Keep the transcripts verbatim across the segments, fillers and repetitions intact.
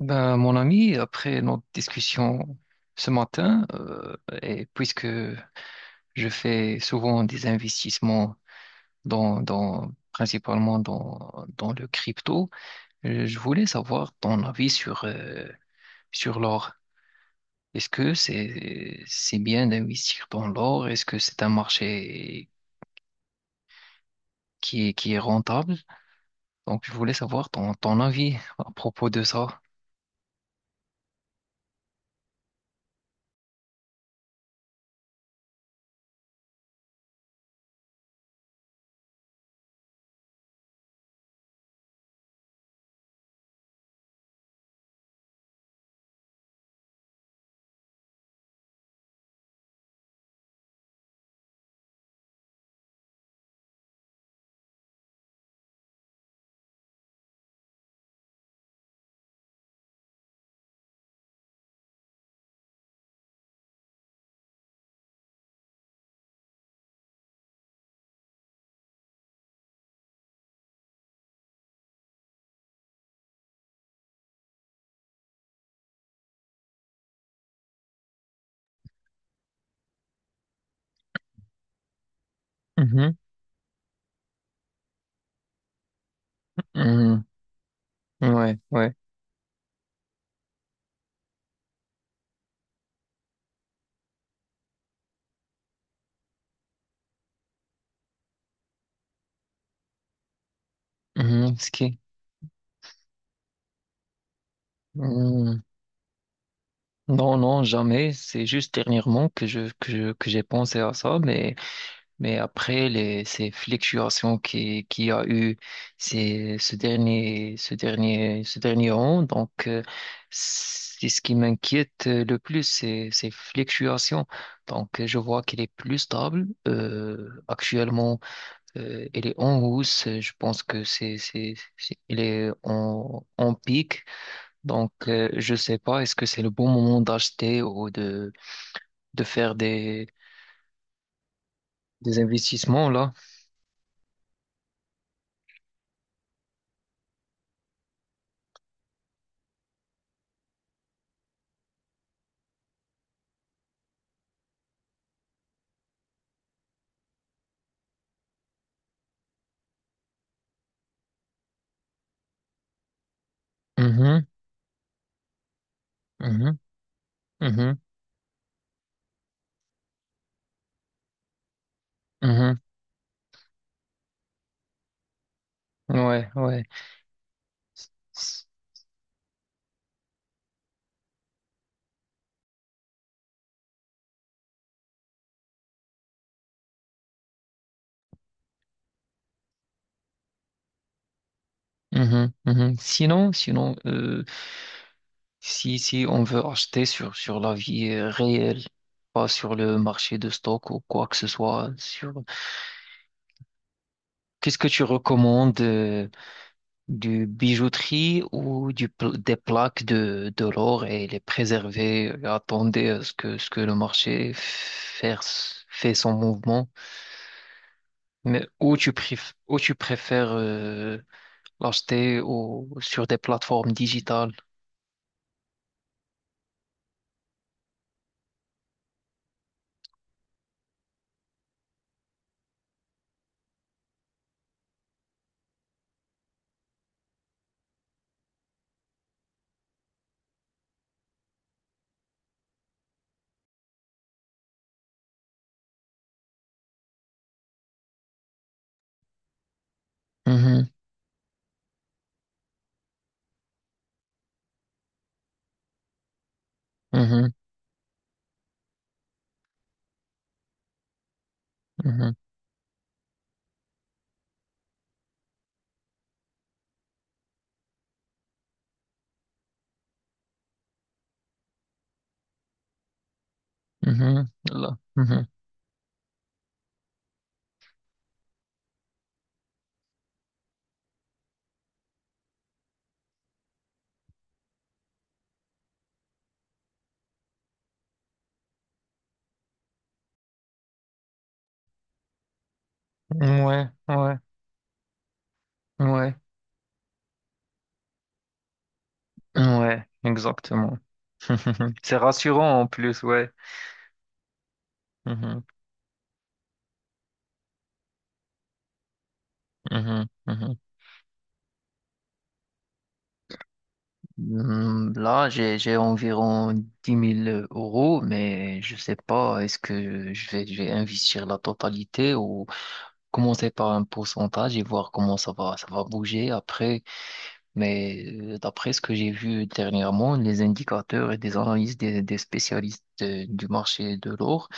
Ben, mon ami, après notre discussion ce matin, euh, et puisque je fais souvent des investissements dans, dans- principalement dans, dans le crypto, euh, je voulais savoir ton avis sur, euh, sur l'or. Est-ce que c'est, c'est bien d'investir dans l'or? Est-ce que c'est un marché qui est, qui est rentable? Donc, je voulais savoir ton, ton avis à propos de ça. Mhm. Mhm. Ouais, ouais. Mhm, ce qui- mhm. Non, non, jamais. C'est juste dernièrement que je, que je- que j'ai pensé à ça, mais, mais après les, ces fluctuations qui, qui a eu ces, ce dernier, ce dernier, ce dernier an, donc, euh, c'est ce qui m'inquiète euh, le plus, c'est ces fluctuations. Donc, euh, je vois qu'elle est plus stable. Euh, actuellement, euh, elle est en hausse. Je pense que c'est, c'est, c'est- elle est en, en pic. Donc, euh, je sais pas, est-ce que c'est le bon moment d'acheter ou de, de faire des, des investissements là? Mhm, mhm, mhm, mhm. Ouais, ouais. S- mhm, mhm. Sinon, sinon, euh, si, si on veut acheter sur, sur la vie euh, réelle, pas sur le marché de stock ou quoi que ce soit, sur, qu'est-ce que tu recommandes? Euh, du bijouterie ou du, pl- des plaques de, de l'or et les préserver, attendez à ce que, ce que le marché faire, fait son mouvement. Mais où tu, préf- où tu préfères euh, l'acheter au- sur des plateformes digitales? Mhm, mhm, mhm, mhm, là, mhm. Ouais, ouais, ouais, ouais, exactement. C'est rassurant en plus, ouais. Mhm, mhm, mhm. Hmm, là, j'ai, j'ai environ dix mille euros, mais je sais pas, est-ce que je vais, je vais investir la totalité ou commencer par un pourcentage et voir comment ça va, ça va bouger après. Mais euh, d'après ce que j'ai vu dernièrement, les indicateurs et des analyses des, des spécialistes euh, du marché de l'or,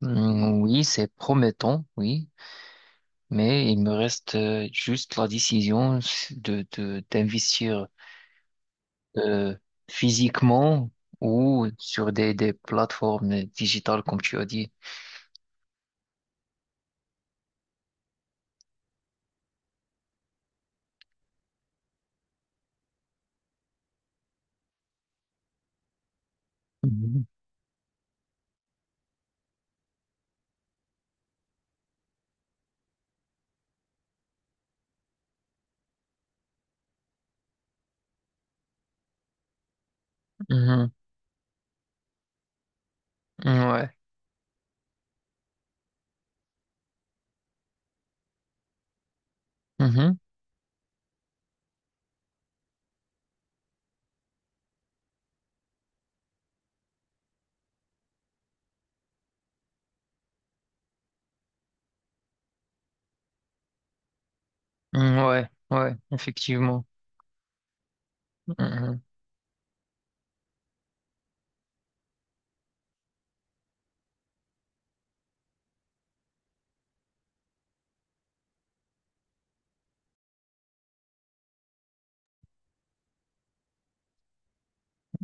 hmm, oui, c'est promettant, oui, mais il me reste euh, juste la décision de, de, d'investir. euh, physiquement ou sur des, des plateformes digitales, comme tu as dit. Mhm. Mhm. Ouais. Mhm. Mm, ouais. Ouais. Effectivement. Mhm.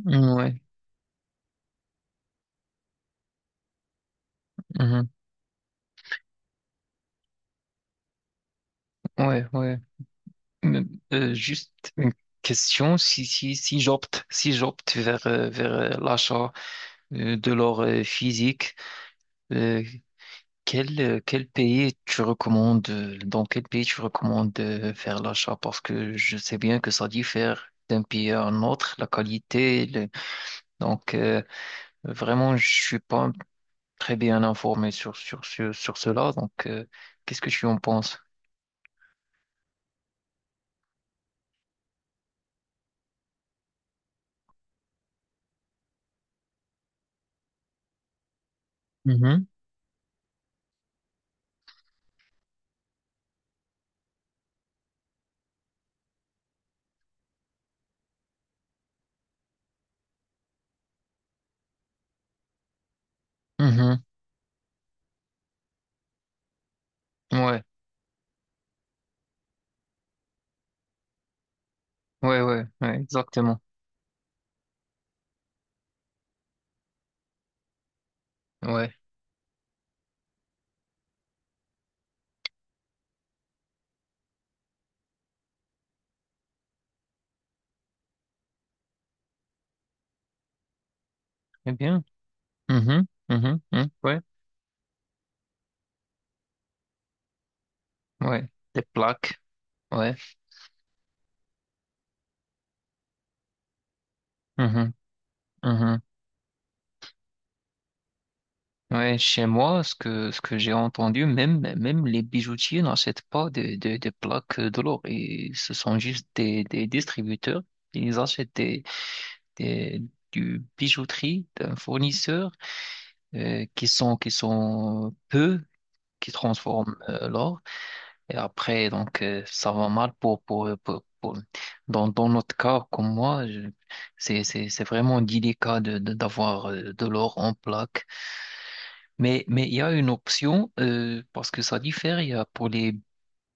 Mm, ouais. Mhm. Ouais. Ouais. Mais, euh, juste une question. Si, si, si j'opte, si j'opte vers, euh, vers euh, l'achat euh, de l'or euh, physique, euh, quel, euh, quel pays tu recommandes, euh, dans quel pays tu recommandes euh, faire l'achat? Parce que je sais bien que ça diffère d'un pays à un autre, la qualité. le- Donc, euh, vraiment, je suis pas très bien informé sur, sur, sur, sur cela. Donc, euh, qu'est-ce que tu en penses? Mhm, mhm. Ouais, ouais, ouais, ouais, exactement. Ouais, eh bien. Mhm, mhm, mhm, ouais, ouais. Des plaques. Ouais. Mhm, mhm. Ouais, chez moi, ce que, ce que j'ai entendu, même, même les bijoutiers n'achètent pas des, des, des plaques euh, de l'or. Et ce sont juste des, des distributeurs. Ils achètent des, des, du bijouterie d'un fournisseur euh, qui sont, qui sont peu, qui transforment euh, l'or. Et après, donc, euh, ça va mal pour, pour, pour, pour- dans, dans notre cas, comme moi, je- c'est, c'est, c'est vraiment délicat de, de- d'avoir euh, de l'or en plaque. Mais, mais il y a une option, euh, parce que ça diffère. Il y a pour les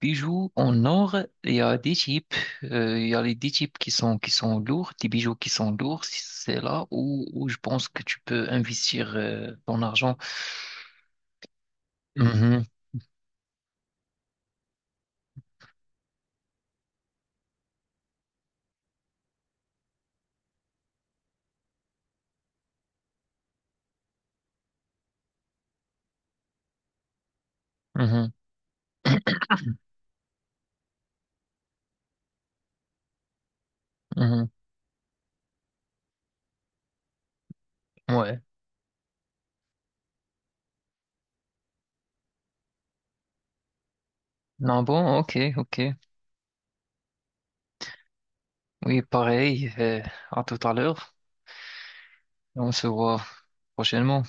bijoux en or, il y a des types. Euh, il y a les des types qui sont, qui sont lourds, des bijoux qui sont lourds. Si C'est là où, où je pense que tu peux investir euh, ton argent. Mhm, mhm, mhm. Ouais. Non, bon, ok, ok. Oui, pareil. euh, à tout à l'heure. On se voit prochainement.